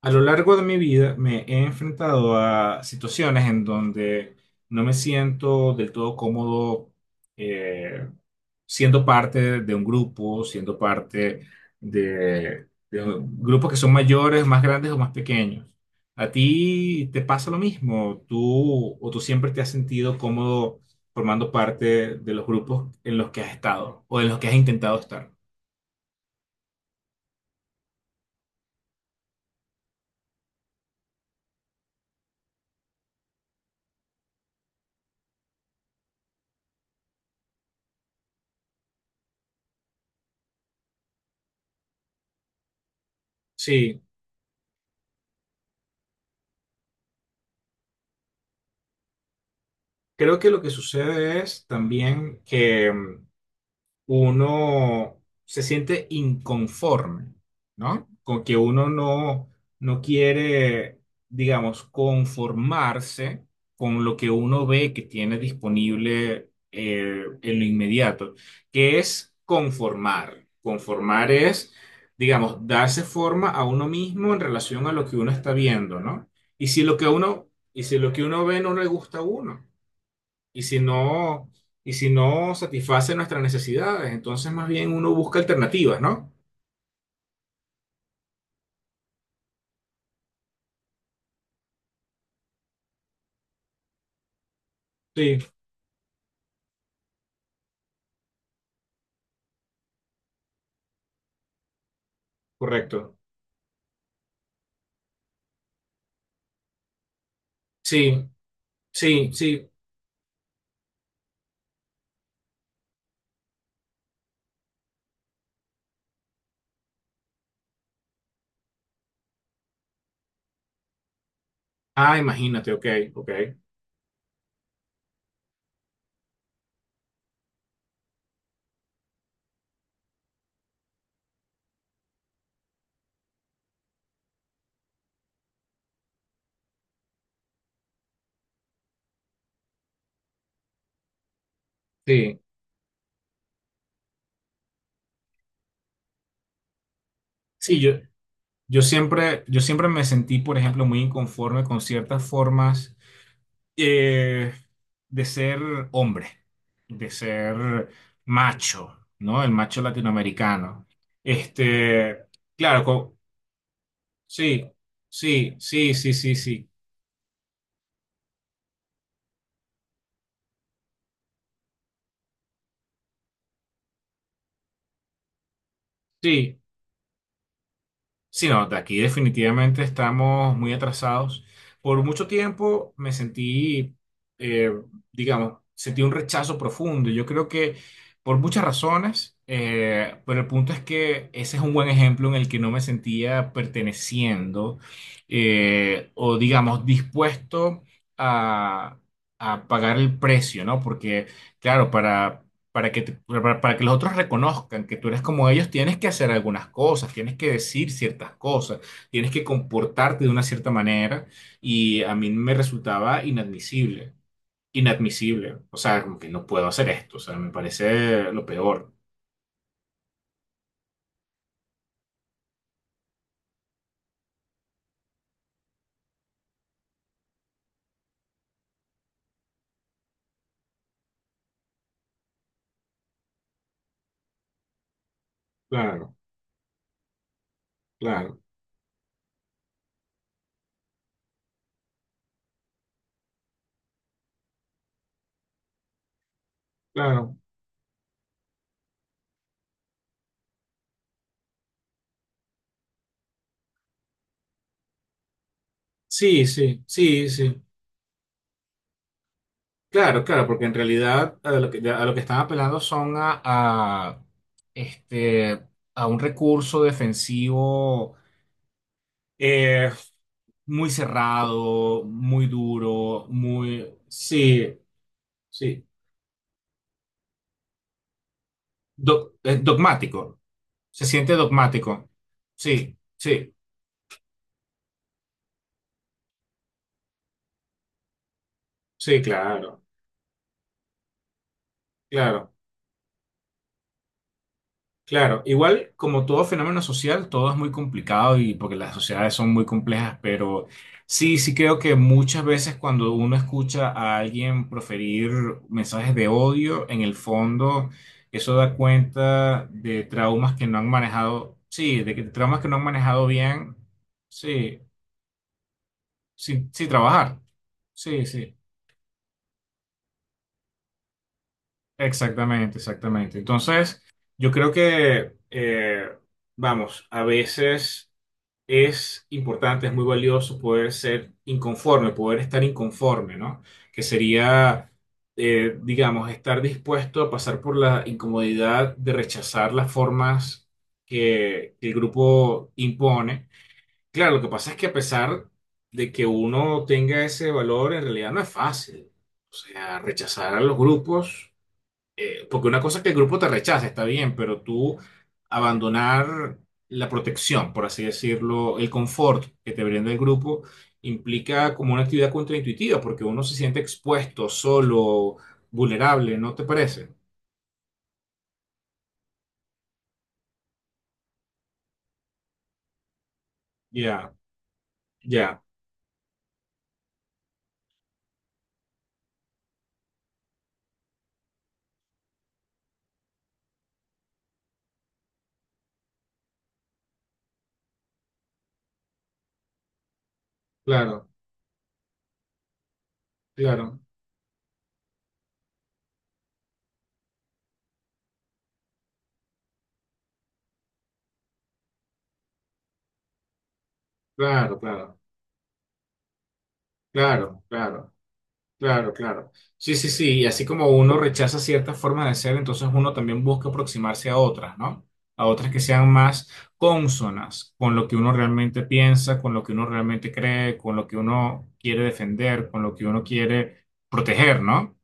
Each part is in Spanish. A lo largo de mi vida me he enfrentado a situaciones en donde no me siento del todo cómodo eh, siendo parte de un grupo, siendo parte de grupos que son mayores, más grandes o más pequeños. ¿A ti te pasa lo mismo? ¿Tú siempre te has sentido cómodo formando parte de los grupos en los que has estado o en los que has intentado estar? Sí, creo que lo que sucede es también que uno se siente inconforme, ¿no? Con que uno no quiere, digamos, conformarse con lo que uno ve que tiene disponible en lo inmediato, que es conformar. Conformar es, digamos, darse forma a uno mismo en relación a lo que uno está viendo, ¿no? Y si lo que uno ve no le gusta a uno. Y si no satisface nuestras necesidades, entonces más bien uno busca alternativas, ¿no? Sí, correcto. Sí, sí, sí. Ah, imagínate, ok, ok. Sí, sí, yo siempre me sentí, por ejemplo, muy inconforme con ciertas formas eh, de ser hombre, de ser macho, ¿no? El macho latinoamericano. Este, claro, co- sí, sí, sí, sí, sí, sí. Sí. Sí, no, de aquí definitivamente estamos muy atrasados. Por mucho tiempo me sentí, eh, digamos, sentí un rechazo profundo. Yo creo que por muchas razones, pero el punto es que ese es un buen ejemplo en el que no me sentía perteneciendo o, digamos, dispuesto a, a pagar el precio, ¿no? Porque, claro, para que los otros reconozcan que tú eres como ellos, tienes que hacer algunas cosas, tienes que decir ciertas cosas, tienes que comportarte de una cierta manera y a mí me resultaba inadmisible, inadmisible, o sea, como que no puedo hacer esto, o sea, me parece lo peor. Claro, claro, claro. Sí, sí, sí, sí. Claro, claro, porque en realidad a lo que están apelando son este, a un recurso defensivo. Eh, Muy cerrado, muy duro, muy... Sí, sí. Dogmático. Se siente dogmático. Sí, sí, sí, claro, claro. Claro, igual como todo fenómeno social, todo es muy complicado y porque las sociedades son muy complejas, pero sí, sí creo que muchas veces cuando uno escucha a alguien proferir mensajes de odio, en el fondo eso da cuenta de traumas que no han manejado, sí, de que traumas que no han manejado bien, sí, sin trabajar, sí, sí. Exactamente, exactamente. Entonces, yo creo que, vamos, a veces es importante, es muy valioso poder ser inconforme, poder estar inconforme, ¿no? Que sería, digamos, estar dispuesto a pasar por la incomodidad de rechazar las formas que el grupo impone. Claro, lo que pasa es que a pesar de que uno tenga ese valor, en realidad no es fácil. O sea, rechazar a los grupos porque una cosa es que el grupo te rechaza, está bien, pero tú abandonar la protección, por así decirlo, el confort que te brinda el grupo, implica como una actividad contraintuitiva, porque uno se siente expuesto, solo, vulnerable, ¿no te parece? Ya, ya, claro, claro, claro, claro, claro, claro. Claro, claro. Sí, sí, sí. Y así como uno rechaza ciertas formas de ser, entonces uno también busca aproximarse a otras, ¿no? A otras que sean más cónsonas con lo que uno realmente piensa, con lo que uno realmente cree, con lo que uno quiere defender, con lo que uno quiere proteger, ¿no?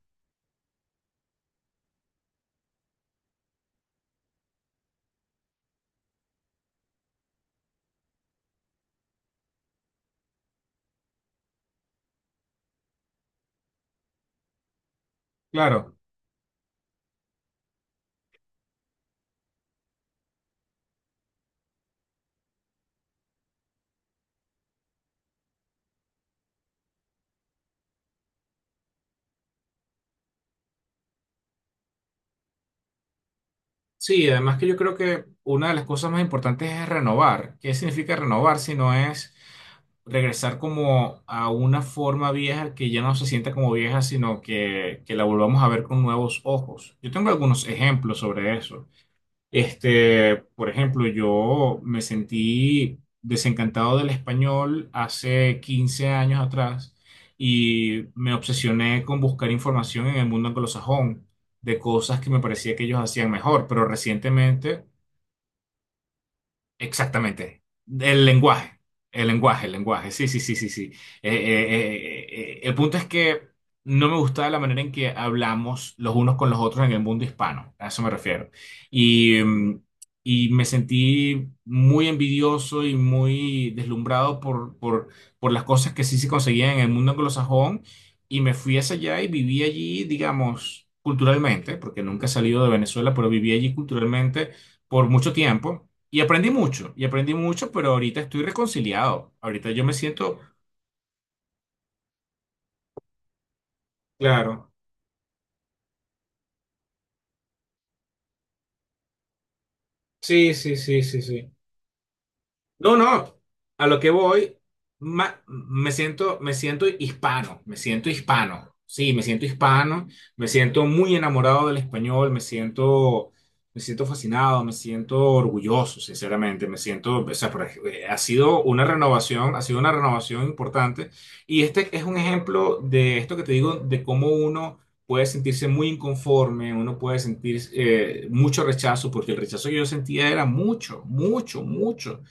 Claro. Sí, además que yo creo que una de las cosas más importantes es renovar. ¿Qué significa renovar si no es regresar como a una forma vieja que ya no se sienta como vieja, sino que la volvamos a ver con nuevos ojos? Yo tengo algunos ejemplos sobre eso. Este, por ejemplo, yo me sentí desencantado del español hace 15 años atrás y me obsesioné con buscar información en el mundo anglosajón de cosas que me parecía que ellos hacían mejor, pero recientemente exactamente. El lenguaje, el lenguaje, el lenguaje. Sí, sí, sí, sí, sí. El punto es que no me gustaba la manera en que hablamos los unos con los otros en el mundo hispano. A eso me refiero. Y, mm, y me sentí muy envidioso y muy deslumbrado por las cosas que sí se conseguían en el mundo anglosajón. Y me fui hacia allá y viví allí, digamos, culturalmente, porque nunca he salido de Venezuela, pero viví allí culturalmente por mucho tiempo. Y aprendí mucho, pero ahorita estoy reconciliado. Ahorita yo me siento, claro. Sí, sí, sí, sí, sí. No, no, a lo que voy, me siento hispano, sí, me siento hispano, me siento muy enamorado del español, me siento fascinado, me siento orgulloso, sinceramente, me siento, o sea, ha sido una renovación, ha sido una renovación importante y este es un ejemplo de esto que te digo, de cómo uno puede sentirse muy inconforme, uno puede sentir mucho rechazo, porque el rechazo que yo sentía era mucho, mucho, mucho.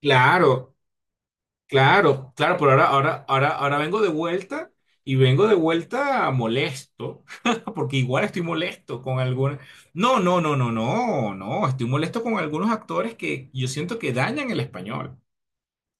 Claro, claro, claro, pero ahora, ahora vengo de vuelta y vengo de vuelta molesto, porque igual estoy molesto con algunos. No, no, no, no, no, no, estoy molesto con algunos actores que yo siento que dañan el español.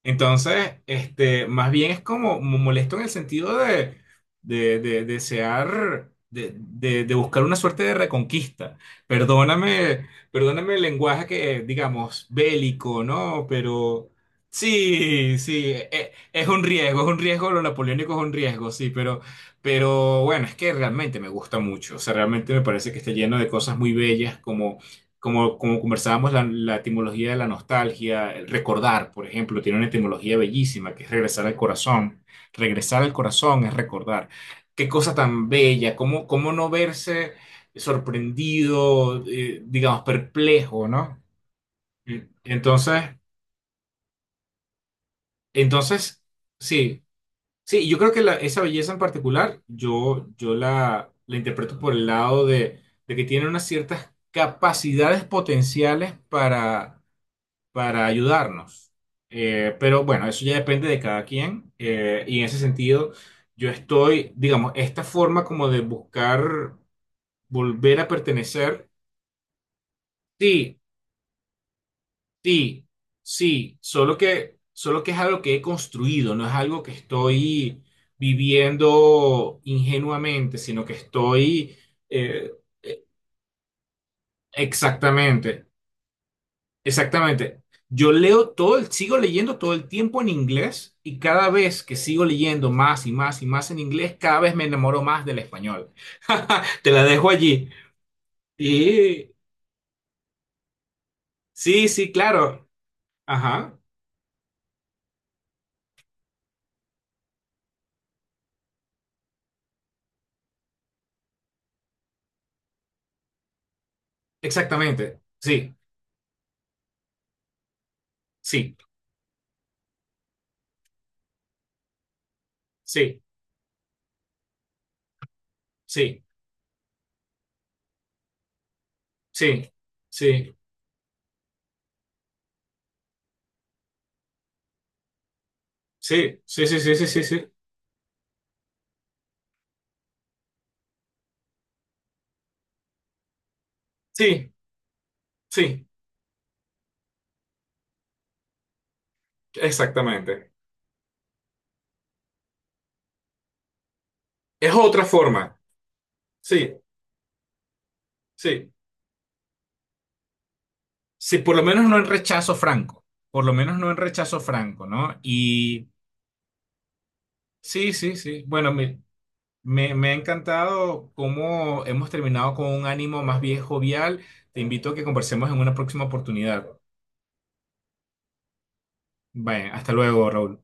Entonces, este, más bien es como molesto en el sentido de desear, de buscar una suerte de reconquista. Perdóname, perdóname el lenguaje que, digamos, bélico, ¿no? Pero sí, sí, es un riesgo, lo napoleónico es un riesgo, sí, pero bueno, es que realmente me gusta mucho. O sea, realmente me parece que está lleno de cosas muy bellas, como, como conversábamos, la etimología de la nostalgia, el recordar, por ejemplo, tiene una etimología bellísima, que es regresar al corazón. Regresar al corazón es recordar. Qué cosa tan bella, cómo, cómo no verse sorprendido, digamos, perplejo, ¿no? Entonces, entonces, sí, sí, yo creo que esa belleza en particular, yo, yo la interpreto por el lado de que tiene unas ciertas capacidades potenciales para ayudarnos. Pero bueno, eso ya depende de cada quien. Y en ese sentido, yo estoy, digamos, esta forma como de buscar volver a pertenecer, sí, sí, sí, solo que es algo que he construido, no es algo que estoy viviendo ingenuamente, sino que estoy eh, exactamente. Exactamente. Yo leo sigo leyendo todo el tiempo en inglés y cada vez que sigo leyendo más y más y más en inglés, cada vez me enamoro más del español. Te la dejo allí. Y sí, sí, claro. Ajá. Exactamente. Sí, sí, sí, sí, sí, sí, sí, sí, sí, sí, sí, sí, sí, sí, sí, exactamente. Es otra forma. Sí, sí. Sí, por lo menos no en rechazo franco, por lo menos no en rechazo franco, ¿no? Y sí, sí, sí. Bueno, me ha encantado cómo hemos terminado con un ánimo más bien jovial. Te invito a que conversemos en una próxima oportunidad. Vaya, hasta luego, Raúl.